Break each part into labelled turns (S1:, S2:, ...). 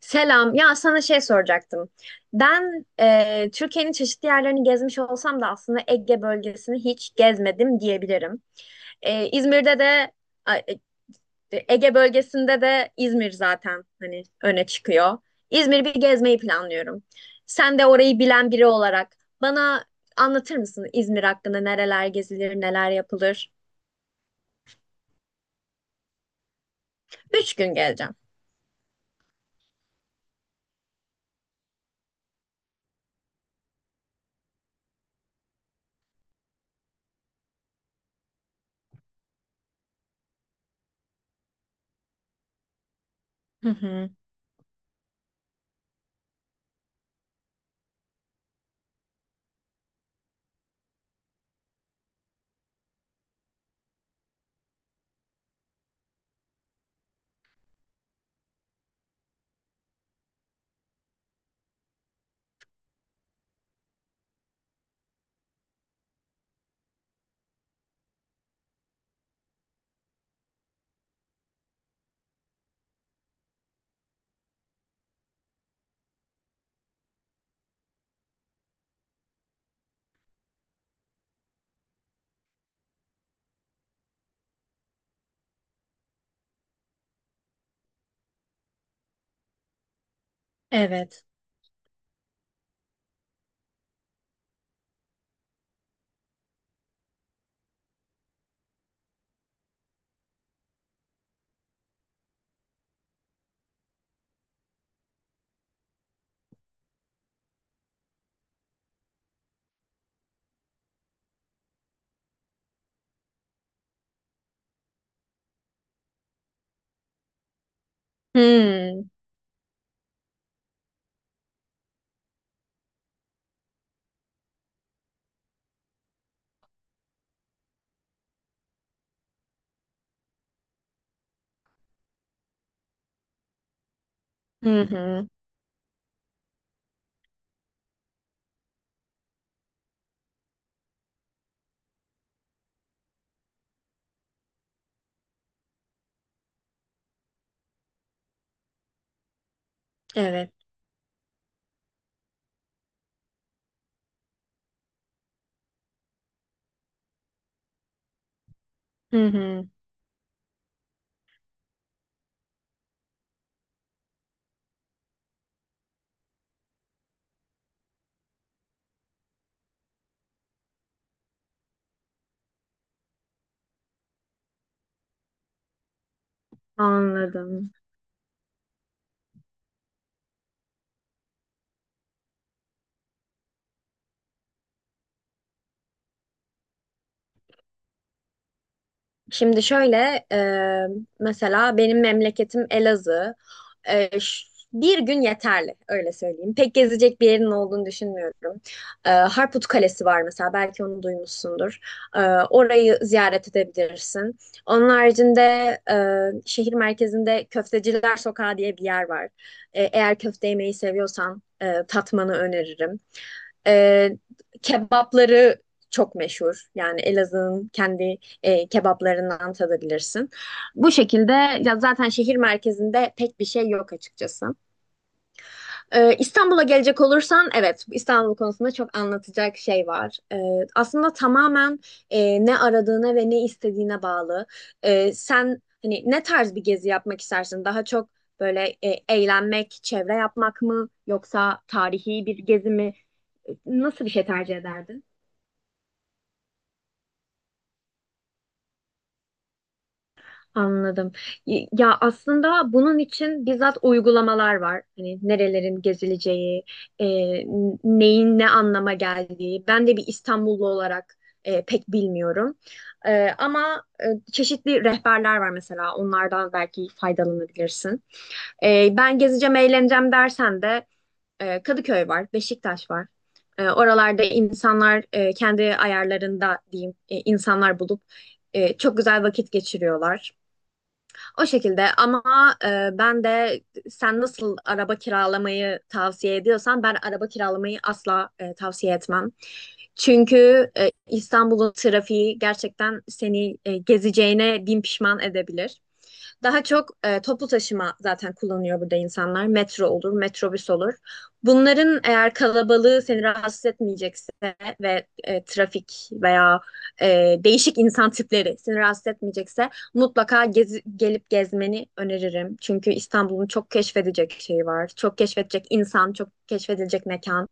S1: Selam. Ya sana şey soracaktım. Ben Türkiye'nin çeşitli yerlerini gezmiş olsam da aslında Ege bölgesini hiç gezmedim diyebilirim. E, İzmir'de de a- e, e, Ege bölgesinde de İzmir zaten hani öne çıkıyor. İzmir'i bir gezmeyi planlıyorum. Sen de orayı bilen biri olarak bana anlatır mısın İzmir hakkında nereler gezilir, neler yapılır? Üç gün geleceğim. Hı hı. Evet. Hı hı. Hı. Evet. Hı hı. Anladım. Şimdi şöyle e, Mesela benim memleketim Elazığ. E, ş- Bir gün yeterli öyle söyleyeyim. Pek gezecek bir yerin olduğunu düşünmüyorum. Harput Kalesi var mesela, belki onu duymuşsundur. E, Orayı ziyaret edebilirsin. Onun haricinde e, şehir merkezinde Köfteciler Sokağı diye bir yer var. E, eğer köfte yemeyi seviyorsan tatmanı öneririm. E, Kebapları çok meşhur. Yani Elazığ'ın kendi kebaplarından tadabilirsin. Bu şekilde, ya zaten şehir merkezinde pek bir şey yok açıkçası. İstanbul'a gelecek olursan, evet, İstanbul konusunda çok anlatacak şey var. Aslında tamamen ne aradığına ve ne istediğine bağlı. Sen hani ne tarz bir gezi yapmak istersin? Daha çok eğlenmek, çevre yapmak mı yoksa tarihi bir gezi mi? Nasıl bir şey tercih ederdin? Anladım. Ya aslında bunun için bizzat uygulamalar var. Hani nerelerin gezileceği, e, neyin ne anlama geldiği. Ben de bir İstanbullu olarak pek bilmiyorum. Ama çeşitli rehberler var mesela. Onlardan belki faydalanabilirsin. Ben gezeceğim, eğleneceğim dersen de Kadıköy var, Beşiktaş var. Oralarda insanlar kendi ayarlarında diyeyim, insanlar bulup çok güzel vakit geçiriyorlar. O şekilde. Ama ben de, sen nasıl araba kiralamayı tavsiye ediyorsan, ben araba kiralamayı asla tavsiye etmem. Çünkü İstanbul'un trafiği gerçekten seni gezeceğine bin pişman edebilir. Daha çok toplu taşıma zaten kullanıyor burada insanlar. Metro olur, metrobüs olur. Bunların eğer kalabalığı seni rahatsız etmeyecekse ve trafik veya e, değişik insan tipleri seni rahatsız etmeyecekse mutlaka gelip gezmeni öneririm. Çünkü İstanbul'un çok keşfedecek şeyi var. Çok keşfedecek insan, çok keşfedilecek mekan.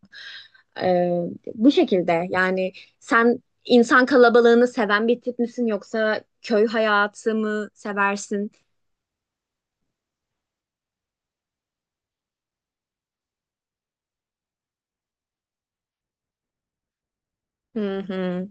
S1: Ee, Bu şekilde yani. Sen insan kalabalığını seven bir tip misin yoksa köy hayatı mı seversin? Hı hı.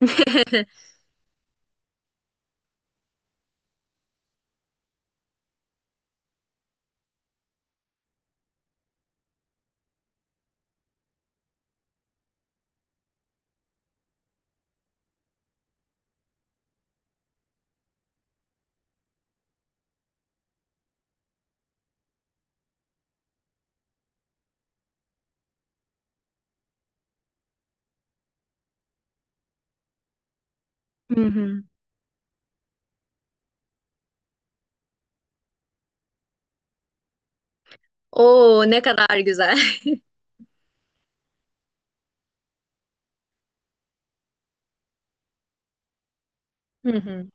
S1: Hı hı. Oo, ne kadar güzel. Hı hı.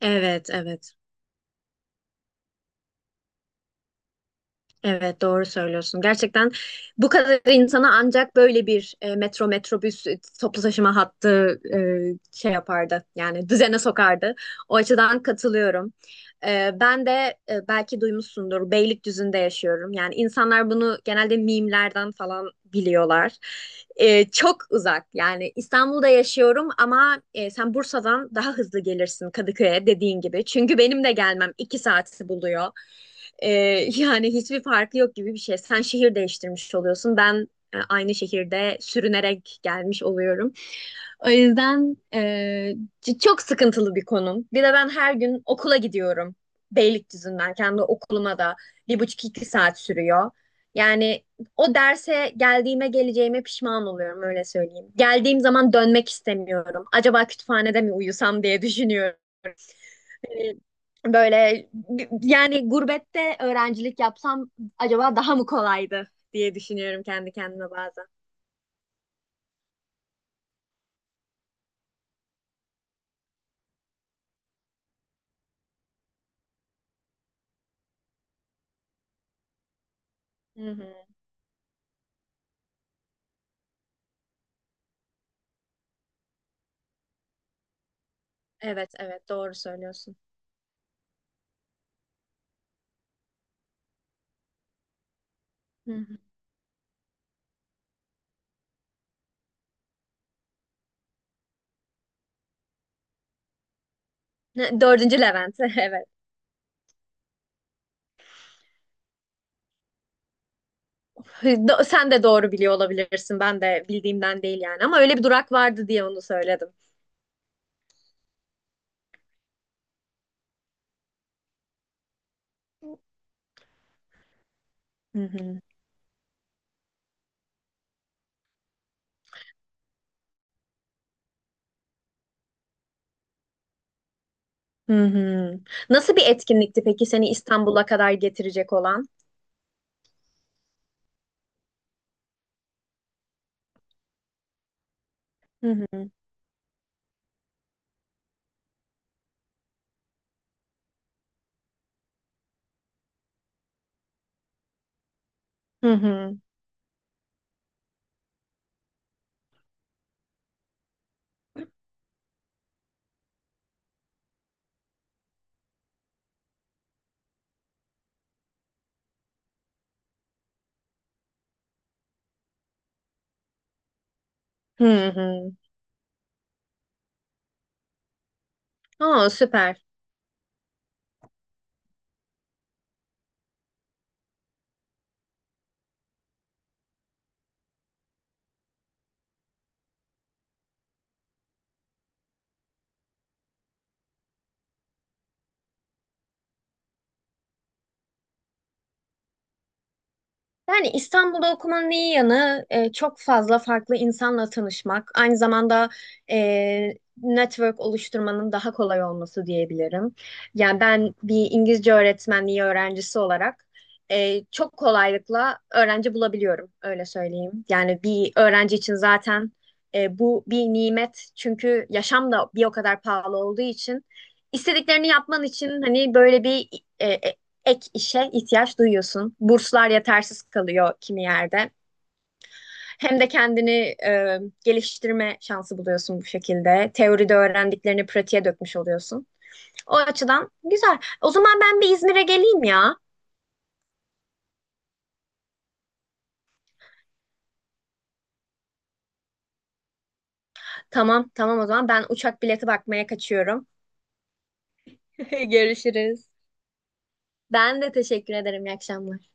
S1: Evet, evet. Evet, doğru söylüyorsun. Gerçekten bu kadar insana ancak böyle bir metro, metrobüs, toplu taşıma hattı şey yapardı. Yani düzene sokardı. O açıdan katılıyorum. Ben de, belki duymuşsundur, Beylikdüzü'nde yaşıyorum. Yani insanlar bunu genelde mimlerden falan biliyorlar. Çok uzak. Yani İstanbul'da yaşıyorum ama sen Bursa'dan daha hızlı gelirsin Kadıköy'e dediğin gibi. Çünkü benim de gelmem iki saati buluyor. Ee, yani hiçbir farkı yok gibi bir şey. Sen şehir değiştirmiş oluyorsun. Ben aynı şehirde sürünerek gelmiş oluyorum. O yüzden çok sıkıntılı bir konum. Bir de ben her gün okula gidiyorum. Beylikdüzü'nden kendi okuluma da bir buçuk, iki saat sürüyor. Yani o derse geldiğime geleceğime pişman oluyorum öyle söyleyeyim. Geldiğim zaman dönmek istemiyorum. Acaba kütüphanede mi uyusam diye düşünüyorum, e, böyle yani gurbette öğrencilik yapsam acaba daha mı kolaydı diye düşünüyorum kendi kendime bazen. Hı hı. Evet, evet, doğru söylüyorsun. Hı hı. Dördüncü Levent evet. Sen de doğru biliyor olabilirsin. Ben de bildiğimden değil yani, ama öyle bir durak vardı diye onu söyledim. Hı hı. Hı hı. Nasıl bir etkinlikti peki seni İstanbul'a kadar getirecek olan? Hı hı. Hı hı. Hı hı. Aa, süper. Yani İstanbul'da okumanın iyi yanı, çok fazla farklı insanla tanışmak, aynı zamanda e, network oluşturmanın daha kolay olması diyebilirim. Yani ben bir İngilizce öğretmenliği öğrencisi olarak çok kolaylıkla öğrenci bulabiliyorum, öyle söyleyeyim. Yani bir öğrenci için zaten bu bir nimet, çünkü yaşam da bir o kadar pahalı olduğu için istediklerini yapman için hani böyle bir e, e, ek işe ihtiyaç duyuyorsun. Burslar yetersiz kalıyor kimi yerde. Hem de kendini e, geliştirme şansı buluyorsun bu şekilde. Teoride öğrendiklerini pratiğe dökmüş oluyorsun. O açıdan güzel. O zaman ben bir İzmir'e geleyim ya. Tamam, tamam, o zaman ben uçak bileti bakmaya kaçıyorum. Görüşürüz. Ben de teşekkür ederim. İyi akşamlar.